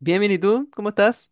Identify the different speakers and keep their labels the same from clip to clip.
Speaker 1: Bien, bien, ¿y tú? ¿Cómo estás?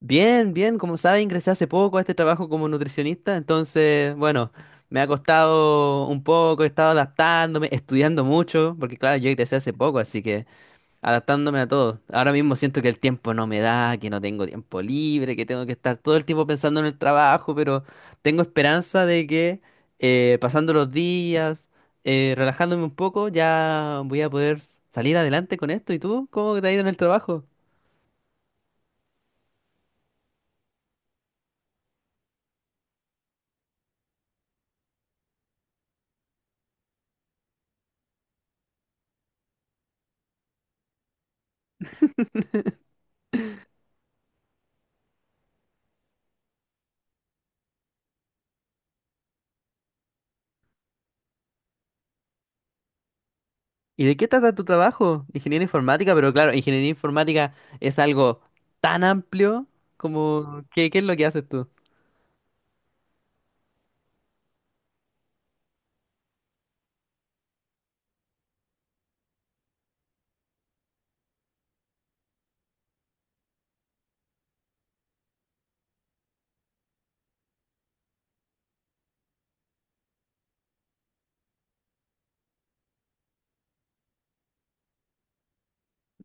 Speaker 1: Bien, bien, como sabes, ingresé hace poco a este trabajo como nutricionista, entonces, bueno, me ha costado un poco, he estado adaptándome, estudiando mucho, porque claro, yo ingresé hace poco, así que adaptándome a todo. Ahora mismo siento que el tiempo no me da, que no tengo tiempo libre, que tengo que estar todo el tiempo pensando en el trabajo, pero tengo esperanza de que pasando los días, relajándome un poco, ya voy a poder salir adelante con esto. ¿Y tú? ¿Cómo te ha ido en el trabajo? ¿Y de qué trata tu trabajo? Ingeniería informática, pero claro, ingeniería informática es algo tan amplio ¿Qué es lo que haces tú?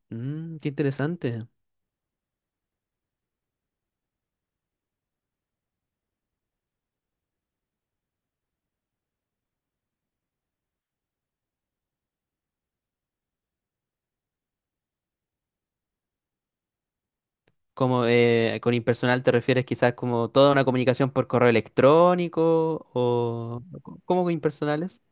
Speaker 1: Mm, qué interesante. Como con impersonal te refieres quizás como toda una comunicación por correo electrónico, o ¿cómo con impersonales?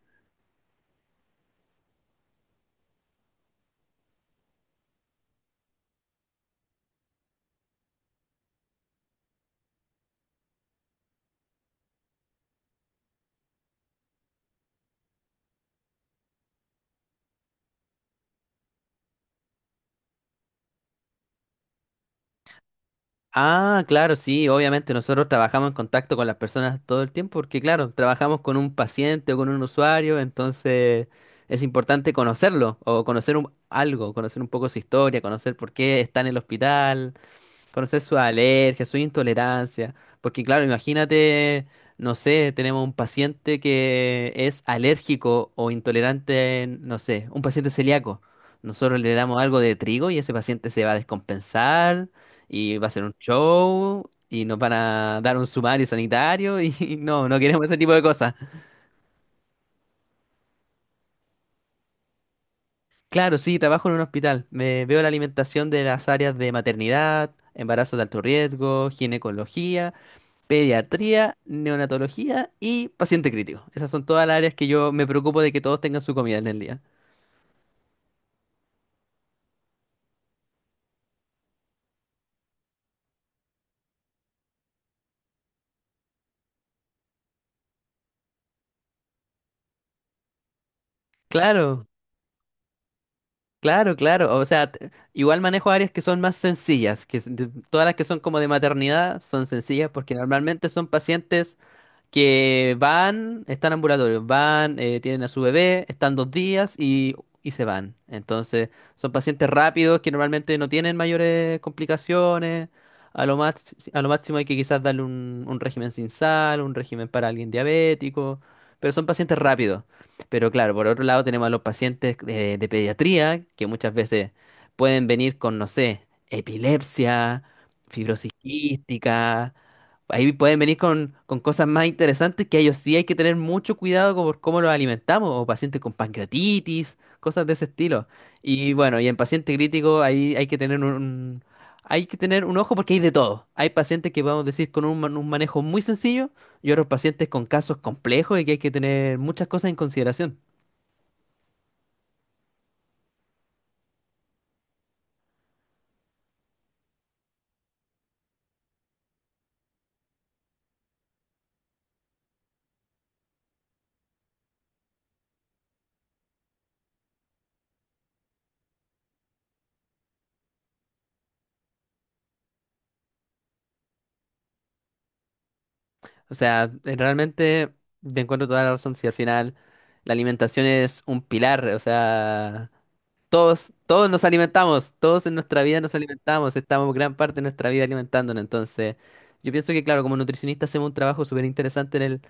Speaker 1: Ah, claro, sí, obviamente nosotros trabajamos en contacto con las personas todo el tiempo porque, claro, trabajamos con un paciente o con un usuario, entonces es importante conocerlo o conocer algo, conocer un poco su historia, conocer por qué está en el hospital, conocer sus alergias, su intolerancia. Porque claro, imagínate, no sé, tenemos un paciente que es alérgico o intolerante, no sé, un paciente celíaco. Nosotros le damos algo de trigo y ese paciente se va a descompensar y va a ser un show y nos van a dar un sumario sanitario y no, no queremos ese tipo de cosas. Claro, sí, trabajo en un hospital. Me veo la alimentación de las áreas de maternidad, embarazo de alto riesgo, ginecología, pediatría, neonatología y paciente crítico. Esas son todas las áreas que yo me preocupo de que todos tengan su comida en el día. Claro, claro, claro. O sea, igual manejo áreas que son más sencillas, todas las que son como de maternidad son sencillas porque normalmente son pacientes que van, están ambulatorios, van, tienen a su bebé, están 2 días y se van. Entonces, son pacientes rápidos que normalmente no tienen mayores complicaciones. A lo más, a lo máximo hay que quizás darle un régimen sin sal, un régimen para alguien diabético, pero son pacientes rápidos. Pero claro, por otro lado tenemos a los pacientes de pediatría, que muchas veces pueden venir con, no sé, epilepsia, fibrosis quística. Ahí pueden venir con cosas más interesantes que a ellos sí hay que tener mucho cuidado con por cómo los alimentamos, o pacientes con pancreatitis, cosas de ese estilo. Y bueno, y en paciente crítico ahí hay que tener un ojo porque hay de todo. Hay pacientes que podemos decir con un manejo muy sencillo y otros pacientes con casos complejos y que hay que tener muchas cosas en consideración. O sea, realmente te encuentro toda la razón si al final la alimentación es un pilar, o sea... Todos nos alimentamos, todos en nuestra vida nos alimentamos, estamos gran parte de nuestra vida alimentándonos. Entonces, yo pienso que, claro, como nutricionista hacemos un trabajo súper interesante en el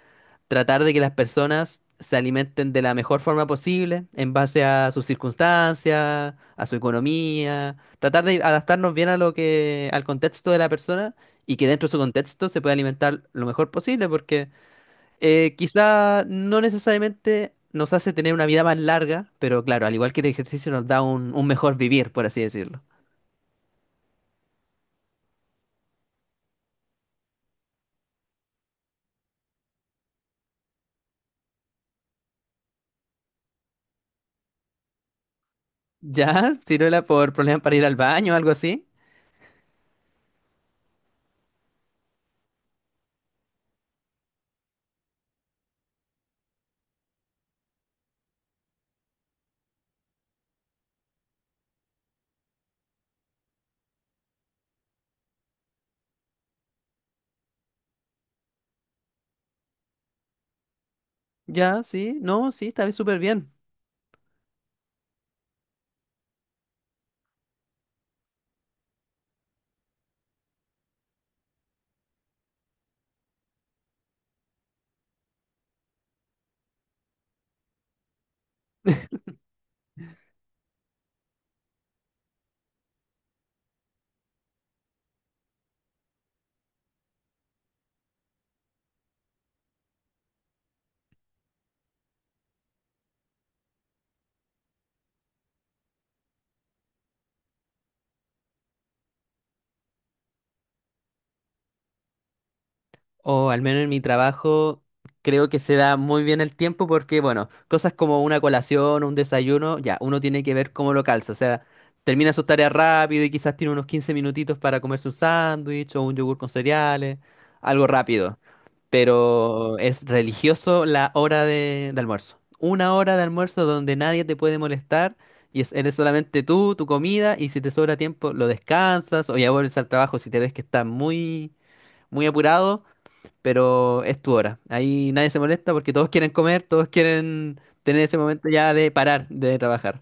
Speaker 1: tratar de que las personas se alimenten de la mejor forma posible, en base a sus circunstancias, a su economía, tratar de adaptarnos bien a lo que, al contexto de la persona y que dentro de su contexto se pueda alimentar lo mejor posible, porque quizá no necesariamente nos hace tener una vida más larga, pero claro, al igual que el ejercicio nos da un mejor vivir, por así decirlo. Ya, si no por problemas para ir al baño o algo así. Ya, sí, no, sí, está súper bien. O al menos en mi trabajo creo que se da muy bien el tiempo porque, bueno, cosas como una colación, un desayuno, ya, uno tiene que ver cómo lo calza. O sea, termina sus tareas rápido y quizás tiene unos 15 minutitos para comerse un sándwich o un yogur con cereales, algo rápido. Pero es religioso la hora de almuerzo. Una hora de almuerzo donde nadie te puede molestar y eres solamente tú, tu comida, y si te sobra tiempo lo descansas o ya vuelves al trabajo si te ves que estás muy, muy apurado, pero es tu hora. Ahí nadie se molesta porque todos quieren comer, todos quieren tener ese momento ya de parar de trabajar.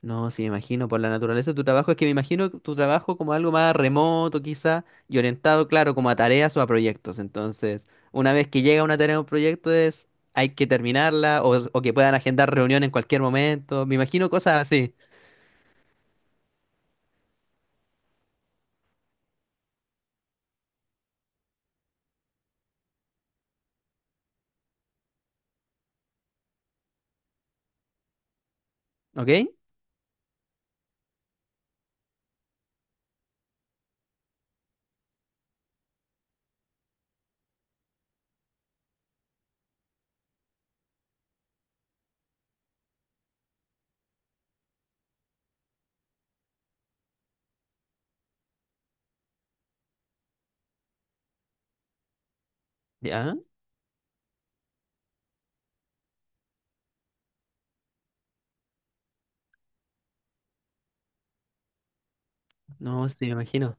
Speaker 1: No, sí, me imagino, por la naturaleza de tu trabajo, es que me imagino tu trabajo como algo más remoto quizá y orientado, claro, como a tareas o a proyectos. Entonces, una vez que llega una tarea o un proyecto es, hay que terminarla o que puedan agendar reunión en cualquier momento. Me imagino cosas así, ¿ok? Ya, no, sí, me imagino.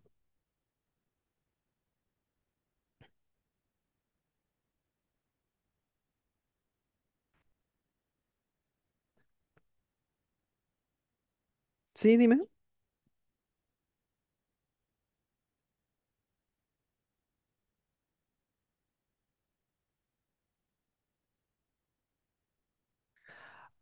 Speaker 1: Sí, dime.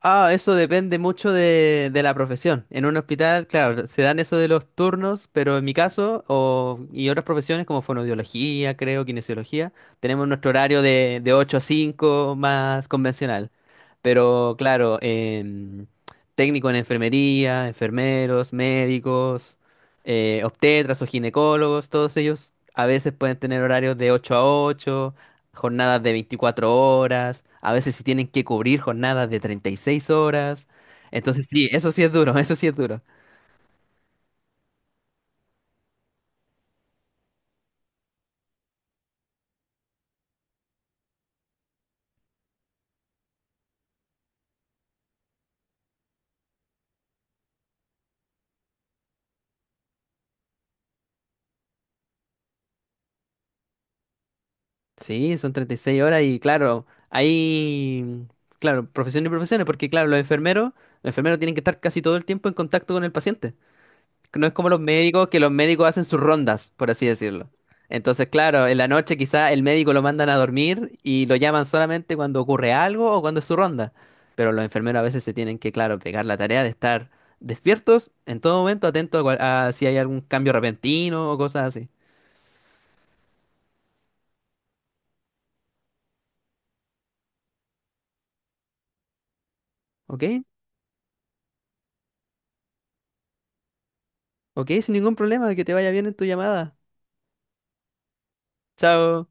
Speaker 1: Ah, eso depende mucho de la profesión. En un hospital, claro, se dan eso de los turnos, pero en mi caso, o, y otras profesiones como fonoaudiología, creo, kinesiología, tenemos nuestro horario de 8 a 5 más convencional. Pero claro, técnico en enfermería, enfermeros, médicos, obstetras o ginecólogos, todos ellos a veces pueden tener horarios de 8 a 8, jornadas de 24 horas, a veces si tienen que cubrir jornadas de 36 horas. Entonces sí, eso sí es duro, eso sí es duro. Sí, son 36 horas y claro, claro, profesiones y profesiones, porque claro, los enfermeros tienen que estar casi todo el tiempo en contacto con el paciente. No es como los médicos, que los médicos hacen sus rondas, por así decirlo. Entonces, claro, en la noche quizá el médico lo mandan a dormir y lo llaman solamente cuando ocurre algo o cuando es su ronda. Pero los enfermeros a veces se tienen que, claro, pegar la tarea de estar despiertos en todo momento, atentos a, a si hay algún cambio repentino o cosas así. ¿Ok? ¿Ok? Sin ningún problema, que te vaya bien en tu llamada. Chao.